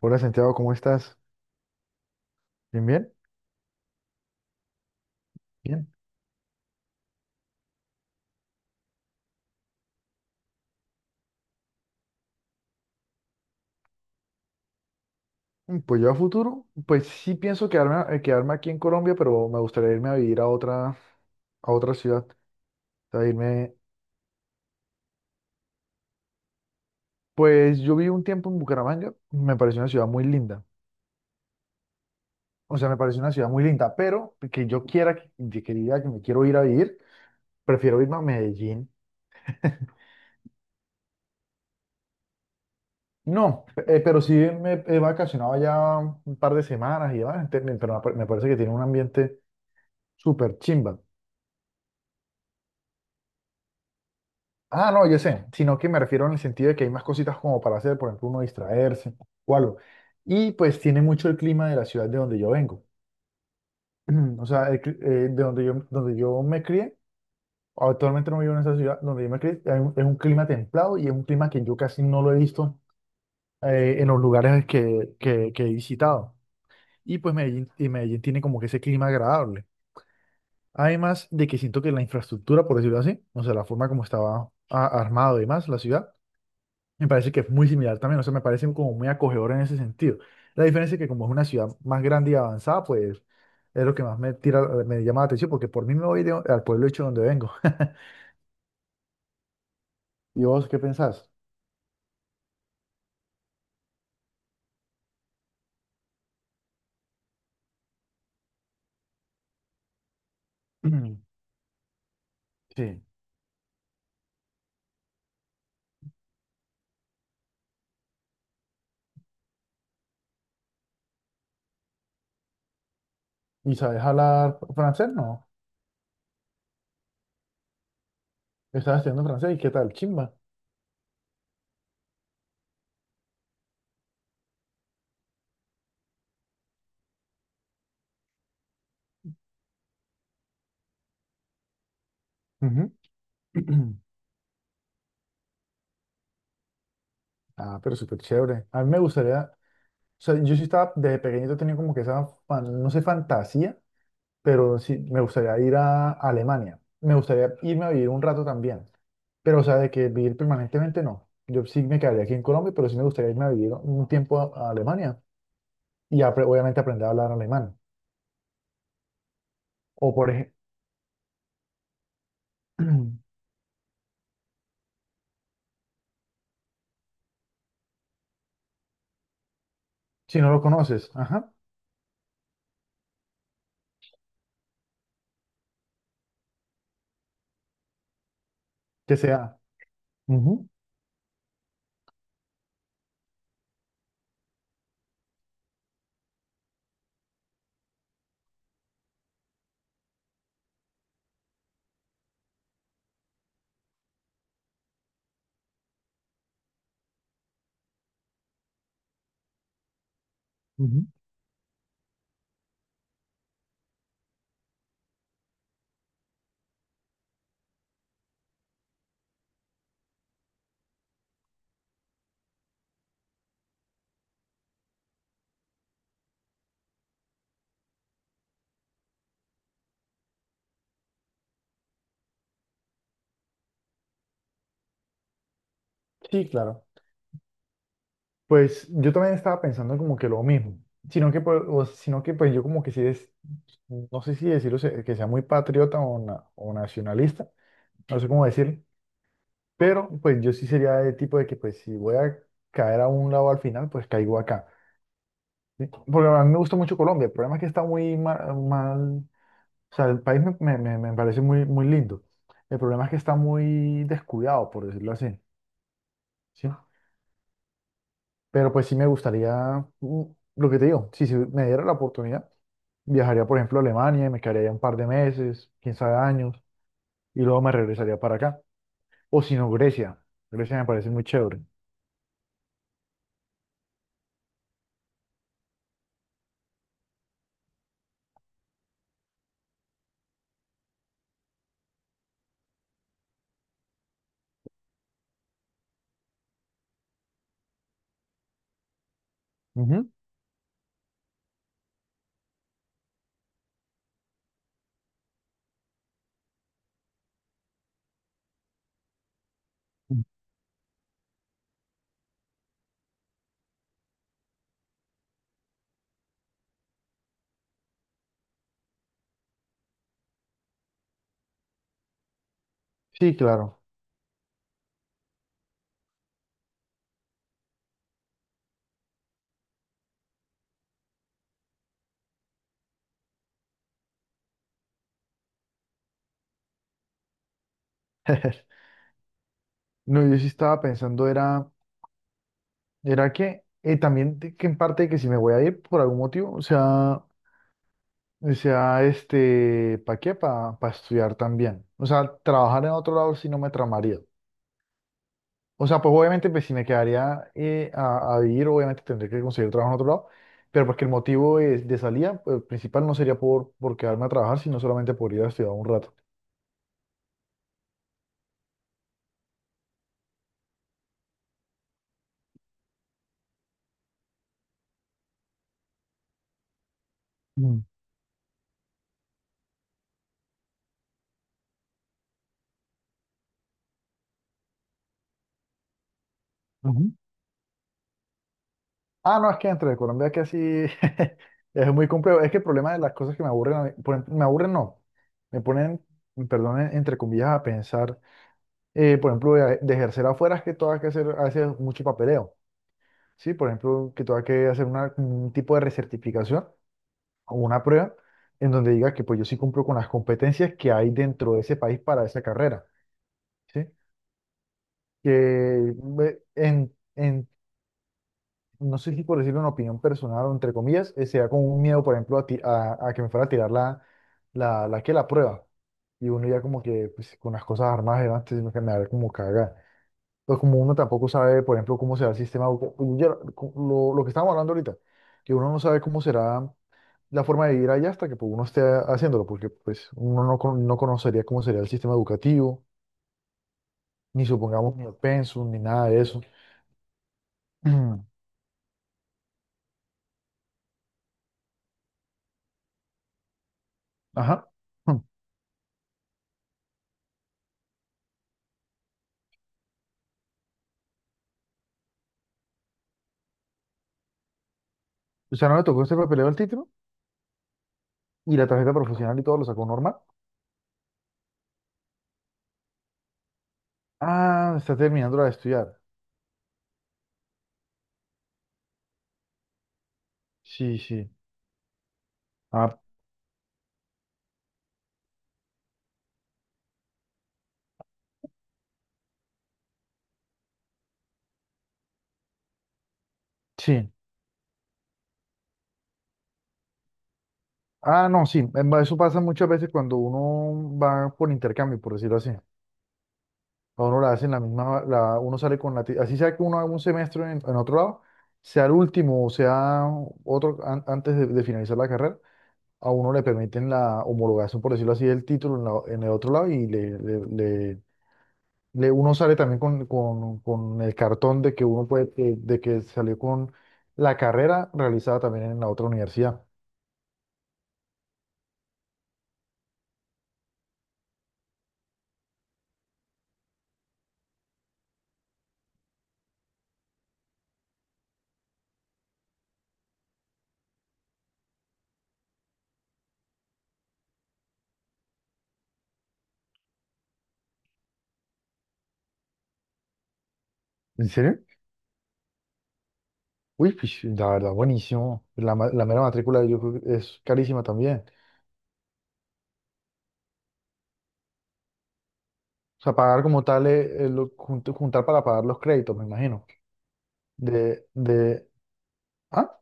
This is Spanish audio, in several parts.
Hola Santiago, ¿cómo estás? ¿Bien, bien? Bien. Pues yo a futuro, pues sí pienso quedarme, quedarme aquí en Colombia, pero me gustaría irme a vivir a otra ciudad. O sea, irme, pues yo viví un tiempo en Bucaramanga, me pareció una ciudad muy linda. O sea, me pareció una ciudad muy linda, pero que yo quiera, que diga que me quiero ir a vivir, prefiero irme a Medellín. No, pero sí me he vacacionado ya un par de semanas y demás, pero me parece que tiene un ambiente súper chimba. Ah, no, yo sé, sino que me refiero en el sentido de que hay más cositas como para hacer, por ejemplo, uno distraerse o algo. Y pues tiene mucho el clima de la ciudad de donde yo vengo. O sea, donde yo me crié, actualmente no vivo en esa ciudad, donde yo me crié, es un clima templado y es un clima que yo casi no lo he visto en los lugares que he visitado. Y pues Medellín tiene como que ese clima agradable. Además de que siento que la infraestructura, por decirlo así, o sea, la forma como estaba armado y demás, la ciudad. Me parece que es muy similar también, o sea, me parece como muy acogedor en ese sentido. La diferencia es que como es una ciudad más grande y avanzada, pues es lo que más me tira, me llama la atención, porque por mí me voy al pueblo hecho donde vengo. ¿Y vos qué pensás? Mm, sí. ¿Y sabes hablar francés? No. Estás estudiando francés y qué tal, chimba. Ujú. Ah, pero súper chévere. A mí me gustaría, o sea, yo sí estaba desde pequeñito tenía como que esa, no sé, fantasía, pero sí, me gustaría ir a Alemania. Me gustaría irme a vivir un rato también. Pero, o sea, de que vivir permanentemente no. Yo sí me quedaría aquí en Colombia, pero sí me gustaría irme a vivir un tiempo a Alemania y obviamente aprender a hablar alemán. O por ejemplo, si no lo conoces, ajá, que sea. Ujú, ujú. Sí, claro. Pues yo también estaba pensando como que lo mismo, sino que, pues, sino que pues yo como que sí es, no sé si decirlo que sea muy patriota o, o nacionalista, no sé cómo decirlo. Pero pues yo sí sería de tipo de que pues si voy a caer a un lado al final, pues caigo acá. ¿Sí? Porque a mí me gusta mucho Colombia, el problema es que está muy mal, o sea, el país me parece muy, muy lindo. El problema es que está muy descuidado, por decirlo así, ¿sí? Pero pues sí me gustaría, mm, lo que te digo, si se me diera la oportunidad, viajaría por ejemplo a Alemania y me quedaría allá un par de meses, quién sabe años, y luego me regresaría para acá. O si no, Grecia. Grecia me parece muy chévere. Ujú. Sí, claro. No, yo sí estaba pensando, era que también que en parte de que si me voy a ir por algún motivo, o sea, este, ¿para qué? Para estudiar también. O sea, trabajar en otro lado sí no me tramaría. O sea, pues obviamente pues, si me quedaría a vivir, obviamente tendré que conseguir trabajo en otro lado, pero porque el motivo es de salida, pues, principal no sería por, quedarme a trabajar, sino solamente por ir a estudiar un rato. Mm, ujú. Ah, no, es que entre Colombia es que así es muy complejo. Es que el problema de las cosas que me aburren, por ejemplo, me aburren no, me ponen, perdón, entre comillas, a pensar, por ejemplo, de ejercer afuera es que todo hay que hacer, a veces mucho papeleo, ¿sí? Por ejemplo, que todo hay que hacer un tipo de recertificación o una prueba en donde diga que pues yo sí cumplo con las competencias que hay dentro de ese país para esa carrera, ¿sí? Que no sé si por decir una opinión personal o entre comillas, sea como un miedo, por ejemplo, a que me fuera a tirar que la prueba. Y uno ya como que pues, con las cosas armadas delante sino me da como caga. Entonces como uno tampoco sabe, por ejemplo, cómo será el sistema, lo que estábamos hablando ahorita, que uno no sabe cómo será la forma de vivir allá hasta que pues, uno esté haciéndolo, porque pues uno no, no conocería cómo sería el sistema educativo, ni supongamos ni el pensum, ni nada de eso. Ajá. O sea, ¿no le tocó este papeleo al título? Y la tarjeta profesional y todo lo sacó normal. Ah, está terminando de estudiar. Sí, sí. Ah, sí. Ah, no, sí. Eso pasa muchas veces cuando uno va por intercambio, por decirlo así. A uno la hacen la misma, uno sale Así sea que uno haga un semestre en otro lado, sea el último o sea otro antes de finalizar la carrera, a uno le permiten la homologación, por decirlo así, del título en el otro lado y le, uno sale también con el cartón de que uno puede, de que salió con la carrera realizada también en la otra universidad. ¿En serio? Uy, pues, la verdad, buenísimo. La mera matrícula yo creo que es carísima también. O sea, pagar como tal, juntar para pagar los créditos, me imagino. De, de, ah,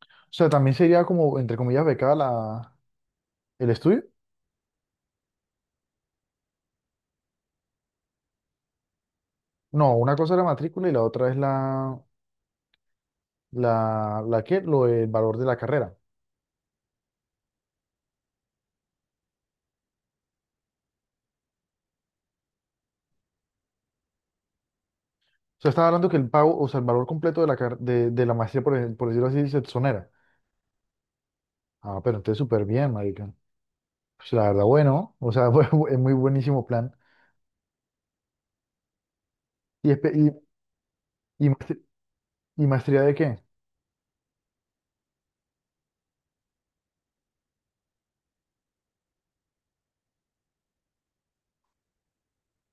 o sea, también sería como, entre comillas, becada el estudio. No, una cosa es la matrícula y la otra es el valor de la carrera. O sea, estaba hablando que el pago, o sea, el valor completo de la maestría, por decirlo así, se exonera. Ah, pero entonces súper bien, marica. Pues la verdad, bueno, o sea, es muy buenísimo plan. ¿Y, espe- y, y, maestr- y maestría de qué?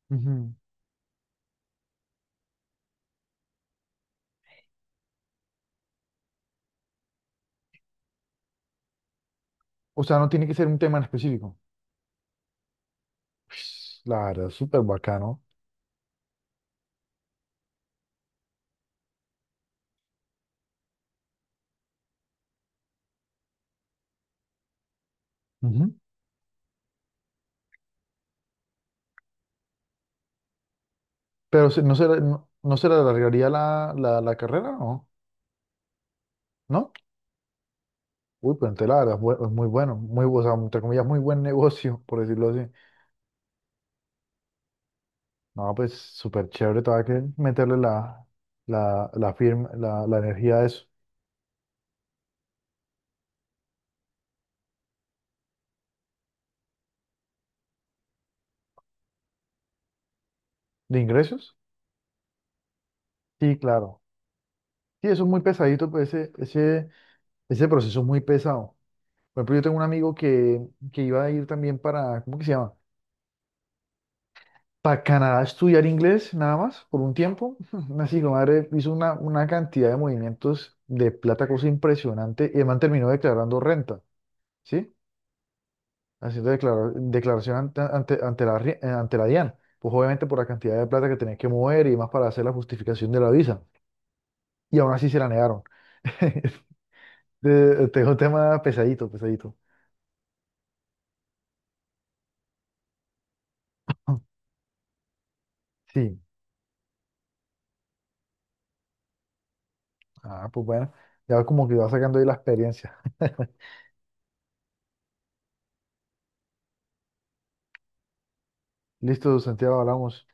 Ujú. O sea, no tiene que ser un tema en específico. Pues, la verdad, súper bacano. Ujú. Pero no se le alargaría la carrera, ¿no? ¿No? Uy, pues entonces la verdad, es muy bueno, o sea, entre comillas, muy buen negocio, por decirlo así. No, pues súper chévere, todavía hay que meterle firma, la energía a eso. ¿De ingresos? Sí, claro. Sí, eso es muy pesadito, pues ese, ese proceso es muy pesado. Por ejemplo, yo tengo un amigo que iba a ir también para, ¿cómo que se llama? Para Canadá a estudiar inglés, nada más, por un tiempo. Así que madre hizo una cantidad de movimientos de plata, cosa impresionante, y además terminó declarando renta, ¿sí? Haciendo declaración ante la DIAN, pues obviamente por la cantidad de plata que tenías que mover y más para hacer la justificación de la visa. Y aún así se la negaron. Tengo un tema pesadito, pesadito. Sí, ah, pues bueno, ya como que va sacando ahí la experiencia. Listo, Santiago, hablamos.